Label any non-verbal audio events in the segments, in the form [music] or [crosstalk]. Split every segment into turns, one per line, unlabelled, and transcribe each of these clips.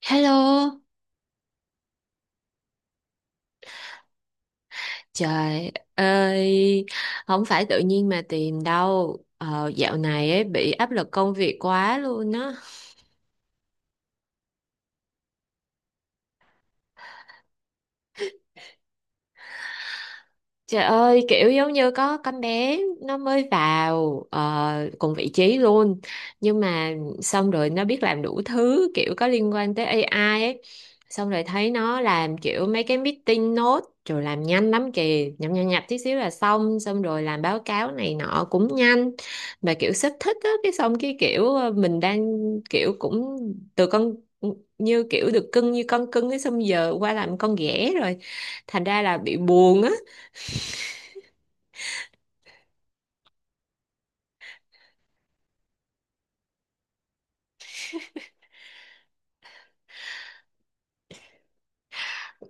Hello, trời ơi, không phải tự nhiên mà tìm đâu. Ờ, dạo này ấy bị áp lực công việc quá luôn á. Trời ơi, kiểu giống như có con bé nó mới vào cùng vị trí luôn. Nhưng mà xong rồi nó biết làm đủ thứ kiểu có liên quan tới AI ấy. Xong rồi thấy nó làm kiểu mấy cái meeting note rồi làm nhanh lắm kìa, nhập nhập nhập tí xíu là xong, xong rồi làm báo cáo này nọ cũng nhanh. Mà kiểu sếp thích á, cái xong cái kiểu mình đang kiểu cũng từ con như kiểu được cưng như con cưng ấy xong giờ qua làm con ghẻ rồi. Thành ra là bị buồn á,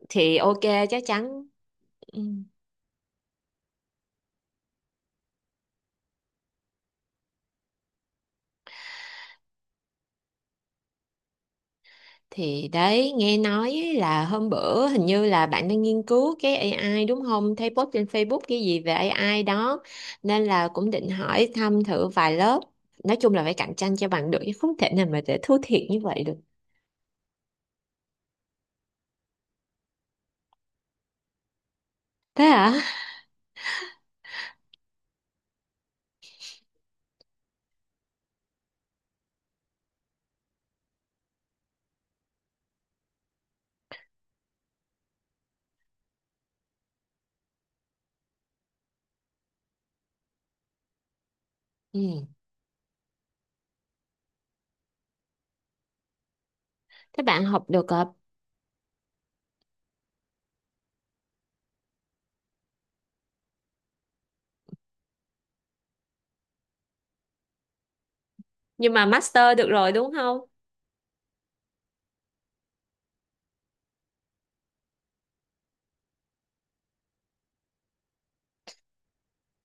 thì ok, chắc chắn, ừ. Thì đấy, nghe nói ấy là hôm bữa hình như là bạn đang nghiên cứu cái AI đúng không, thấy post trên Facebook cái gì về AI đó nên là cũng định hỏi thăm thử vài lớp. Nói chung là phải cạnh tranh cho bằng được chứ không thể nào mà để thua thiệt như vậy được. Thế hả, ừ. Thế bạn học được nhưng mà master được rồi đúng không,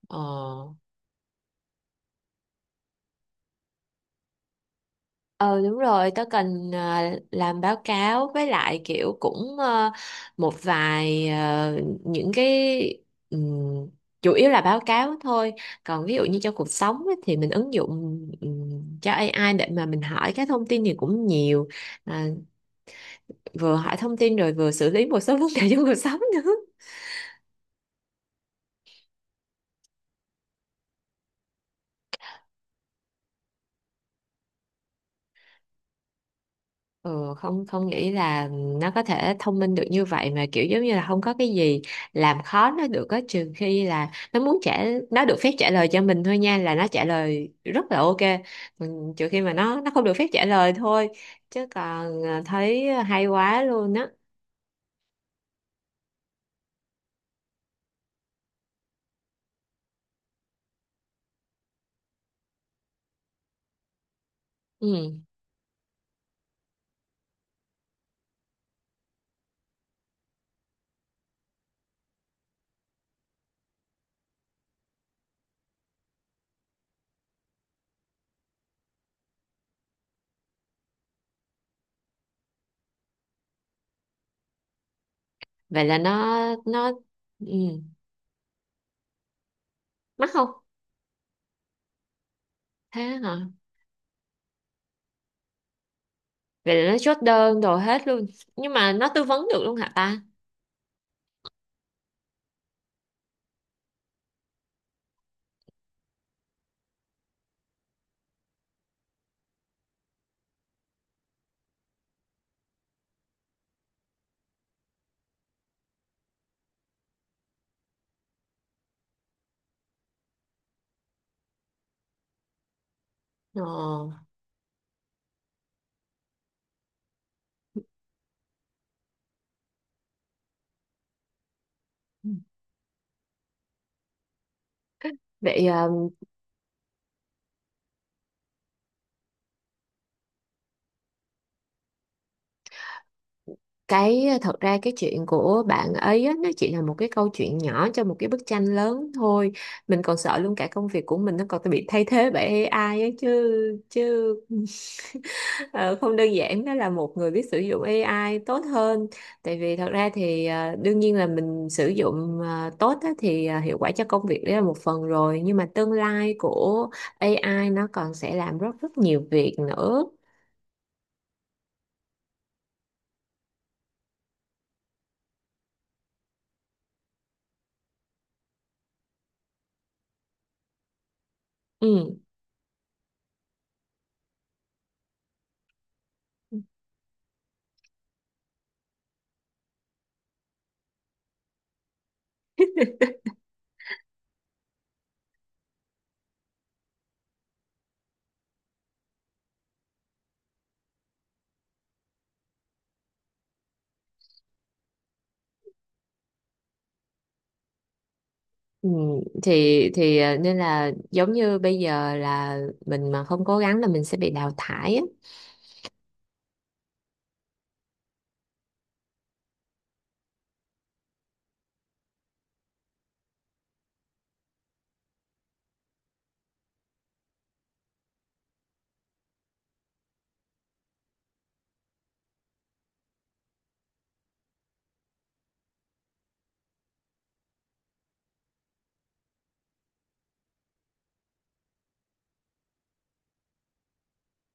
ờ. Ờ đúng rồi, tớ cần làm báo cáo với lại kiểu cũng một vài những cái, ừm, chủ yếu là báo cáo thôi. Còn ví dụ như cho cuộc sống ấy, thì mình ứng dụng cho AI để mà mình hỏi các thông tin thì cũng nhiều. À, vừa hỏi thông tin rồi vừa xử lý một số [laughs] vấn đề trong cuộc sống nữa. Ừ, không không nghĩ là nó có thể thông minh được như vậy mà kiểu giống như là không có cái gì làm khó nó được á, trừ khi là nó muốn trả, nó được phép trả lời cho mình thôi nha, là nó trả lời rất là ok. Mình trừ khi mà nó không được phép trả lời thôi, chứ còn à, thấy hay quá luôn á, ừ. Vậy là nó, ừ. Mắc không, thế hả, vậy là nó chốt đơn đồ hết luôn, nhưng mà nó tư vấn được luôn hả ta. Ờ. Vậy à, cái thật ra cái chuyện của bạn ấy á, nó chỉ là một cái câu chuyện nhỏ cho một cái bức tranh lớn thôi. Mình còn sợ luôn cả công việc của mình nó còn bị thay thế bởi AI ấy chứ chứ, ờ, không đơn giản đó là một người biết sử dụng AI tốt hơn, tại vì thật ra thì đương nhiên là mình sử dụng tốt á, thì hiệu quả cho công việc đấy là một phần rồi, nhưng mà tương lai của AI nó còn sẽ làm rất rất nhiều việc nữa. Ừ. Ừ, thì nên là giống như bây giờ là mình mà không cố gắng là mình sẽ bị đào thải á.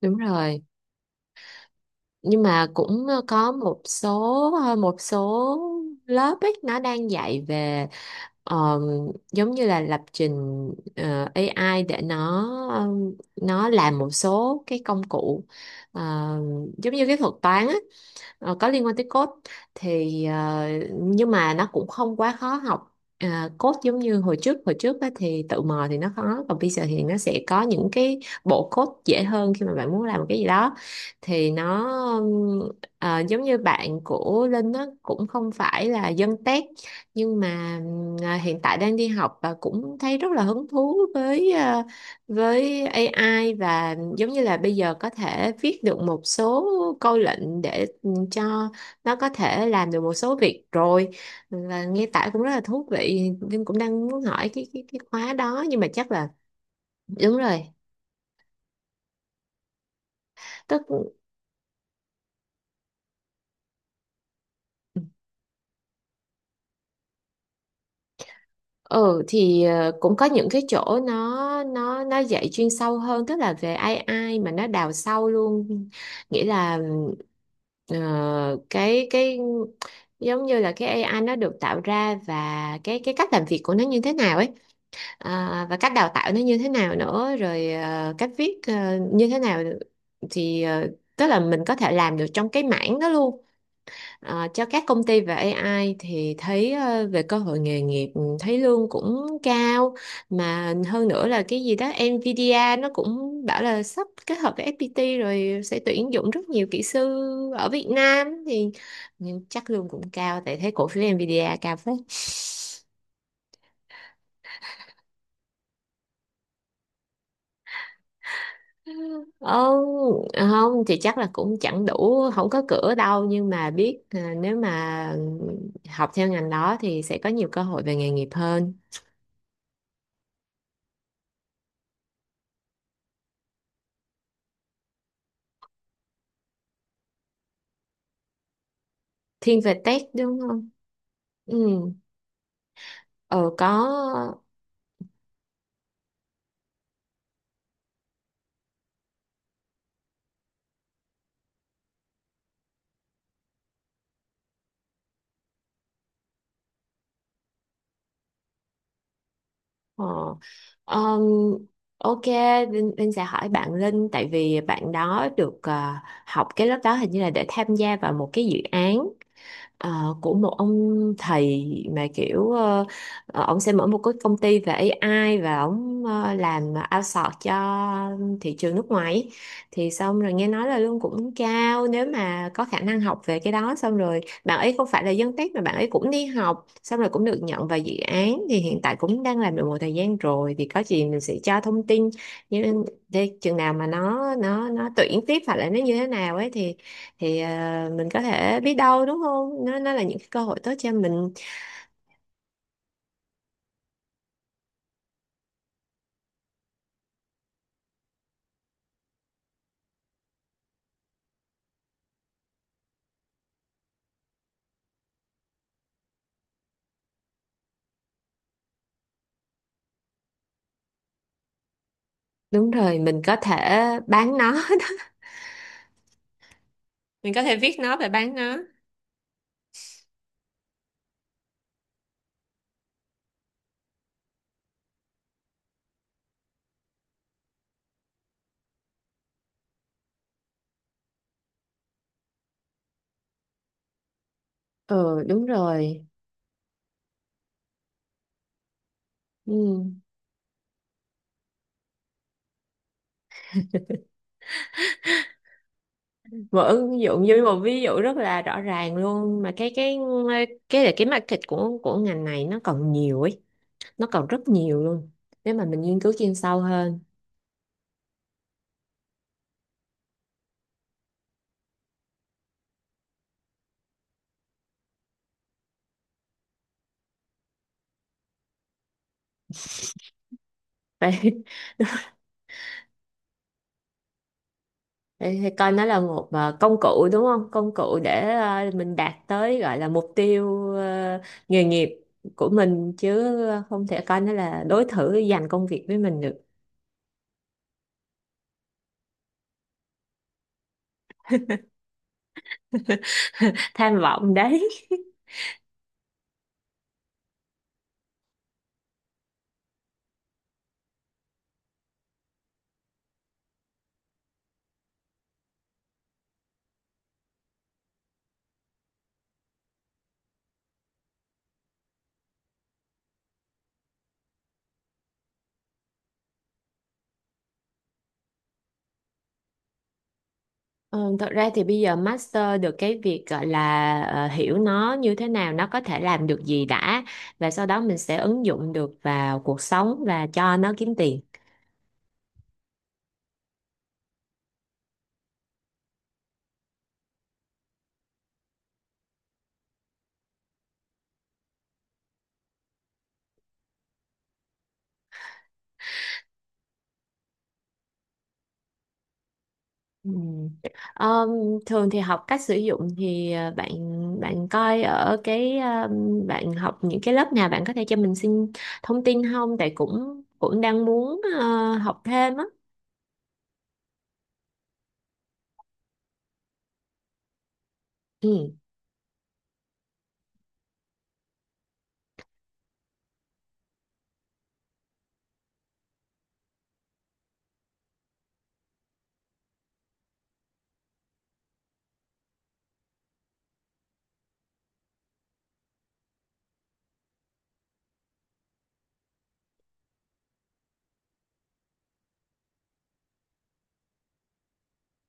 Đúng rồi. Nhưng mà cũng có một số một số lớp ấy nó đang dạy về ờ, giống như là lập trình AI để nó làm một số cái công cụ ờ, giống như cái thuật toán á, có liên quan tới code, thì nhưng mà nó cũng không quá khó học. À, code giống như hồi trước á, thì tự mò thì nó khó, còn bây giờ thì nó sẽ có những cái bộ code dễ hơn khi mà bạn muốn làm một cái gì đó, thì nó ừm, giống như bạn của Linh nó cũng không phải là dân tech, nhưng mà hiện tại đang đi học và cũng thấy rất là hứng thú với với AI, và giống như là bây giờ có thể viết được một số câu lệnh để cho nó có thể làm được một số việc rồi, và nghe tải cũng rất là thú vị, nhưng cũng đang muốn hỏi cái cái khóa đó, nhưng mà chắc là đúng rồi. Tức, ừ thì cũng có những cái chỗ nó dạy chuyên sâu hơn, tức là về AI mà nó đào sâu luôn. Nghĩa là ờ, cái giống như là cái AI nó được tạo ra và cái cách làm việc của nó như thế nào ấy, à, và cách đào tạo nó như thế nào nữa, rồi à, cách viết à, như thế nào, thì à, tức là mình có thể làm được trong cái mảng đó luôn. À, cho các công ty về AI thì thấy à, về cơ hội nghề nghiệp ừ, thấy lương cũng cao, mà hơn nữa là cái gì đó Nvidia nó cũng bảo là sắp kết hợp với FPT rồi sẽ tuyển dụng rất nhiều kỹ sư ở Việt Nam, thì nhưng chắc lương cũng cao tại thấy cổ phiếu Nvidia cao phết. Ờ, không thì chắc là cũng chẳng đủ, không có cửa đâu, nhưng mà biết à, nếu mà học theo ngành đó thì sẽ có nhiều cơ hội về nghề nghiệp hơn. Thiên về tech đúng không, ừ, ờ có, ờ. Ờm, ok Linh, Linh sẽ hỏi bạn Linh tại vì bạn đó được học cái lớp đó hình như là để tham gia vào một cái dự án của một ông thầy, mà kiểu ông sẽ mở một cái công ty về AI và ông làm outsource cho thị trường nước ngoài ấy. Thì xong rồi nghe nói là lương cũng cao, nếu mà có khả năng học về cái đó, xong rồi bạn ấy không phải là dân tech mà bạn ấy cũng đi học xong rồi cũng được nhận vào dự án, thì hiện tại cũng đang làm được một thời gian rồi, thì có gì mình sẽ cho thông tin. Nhưng để chừng nào mà nó tuyển tiếp hoặc là nó như thế nào ấy, thì à, mình có thể biết đâu đúng không, nó nó là những cái cơ hội tốt cho mình. Đúng rồi, mình có thể bán nó. [laughs] Mình có thể viết nó và bán nó, ừ đúng rồi, ừ. Một ứng dụng như một ví dụ rất là rõ ràng luôn mà, cái cái là cái market của ngành này nó còn nhiều ấy, nó còn rất nhiều luôn nếu mà mình nghiên cứu chuyên sâu hơn. Vậy. [laughs] Thì coi nó là một công cụ đúng không? Công cụ để mình đạt tới gọi là mục tiêu nghề nghiệp của mình chứ không thể coi nó là đối thủ giành công việc với mình được. [laughs] Tham vọng đấy. Ừ, thật ra thì bây giờ master được cái việc gọi là hiểu nó như thế nào, nó có thể làm được gì đã, và sau đó mình sẽ ứng dụng được vào cuộc sống và cho nó kiếm tiền. Ừ. Ờ, thường thì học cách sử dụng thì bạn bạn coi ở cái bạn học những cái lớp nào bạn có thể cho mình xin thông tin không? Tại cũng cũng đang muốn học thêm á. Ừ.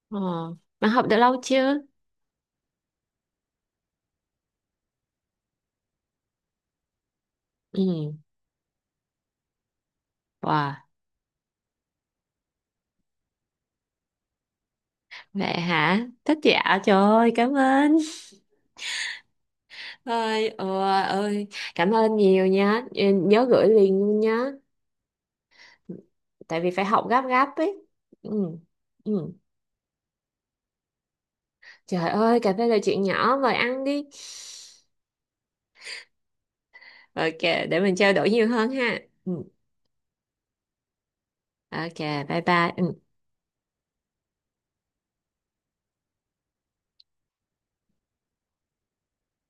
Ờ. Bạn học được lâu chưa? Ừ. Wow, vậy hả? Thích, dạ trời ơi, cảm ơn. Ơi, ôi, ơi, cảm ơn nhiều nha. Ừ, nhớ gửi liền luôn nhá. Tại vì phải học gấp gấp ấy. Ừ. Ừ. Trời ơi, cà phê là chuyện nhỏ, mời ăn đi. Ok, để mình trao đổi nhiều hơn ha. Ừ. Ok, bye bye. Ừ.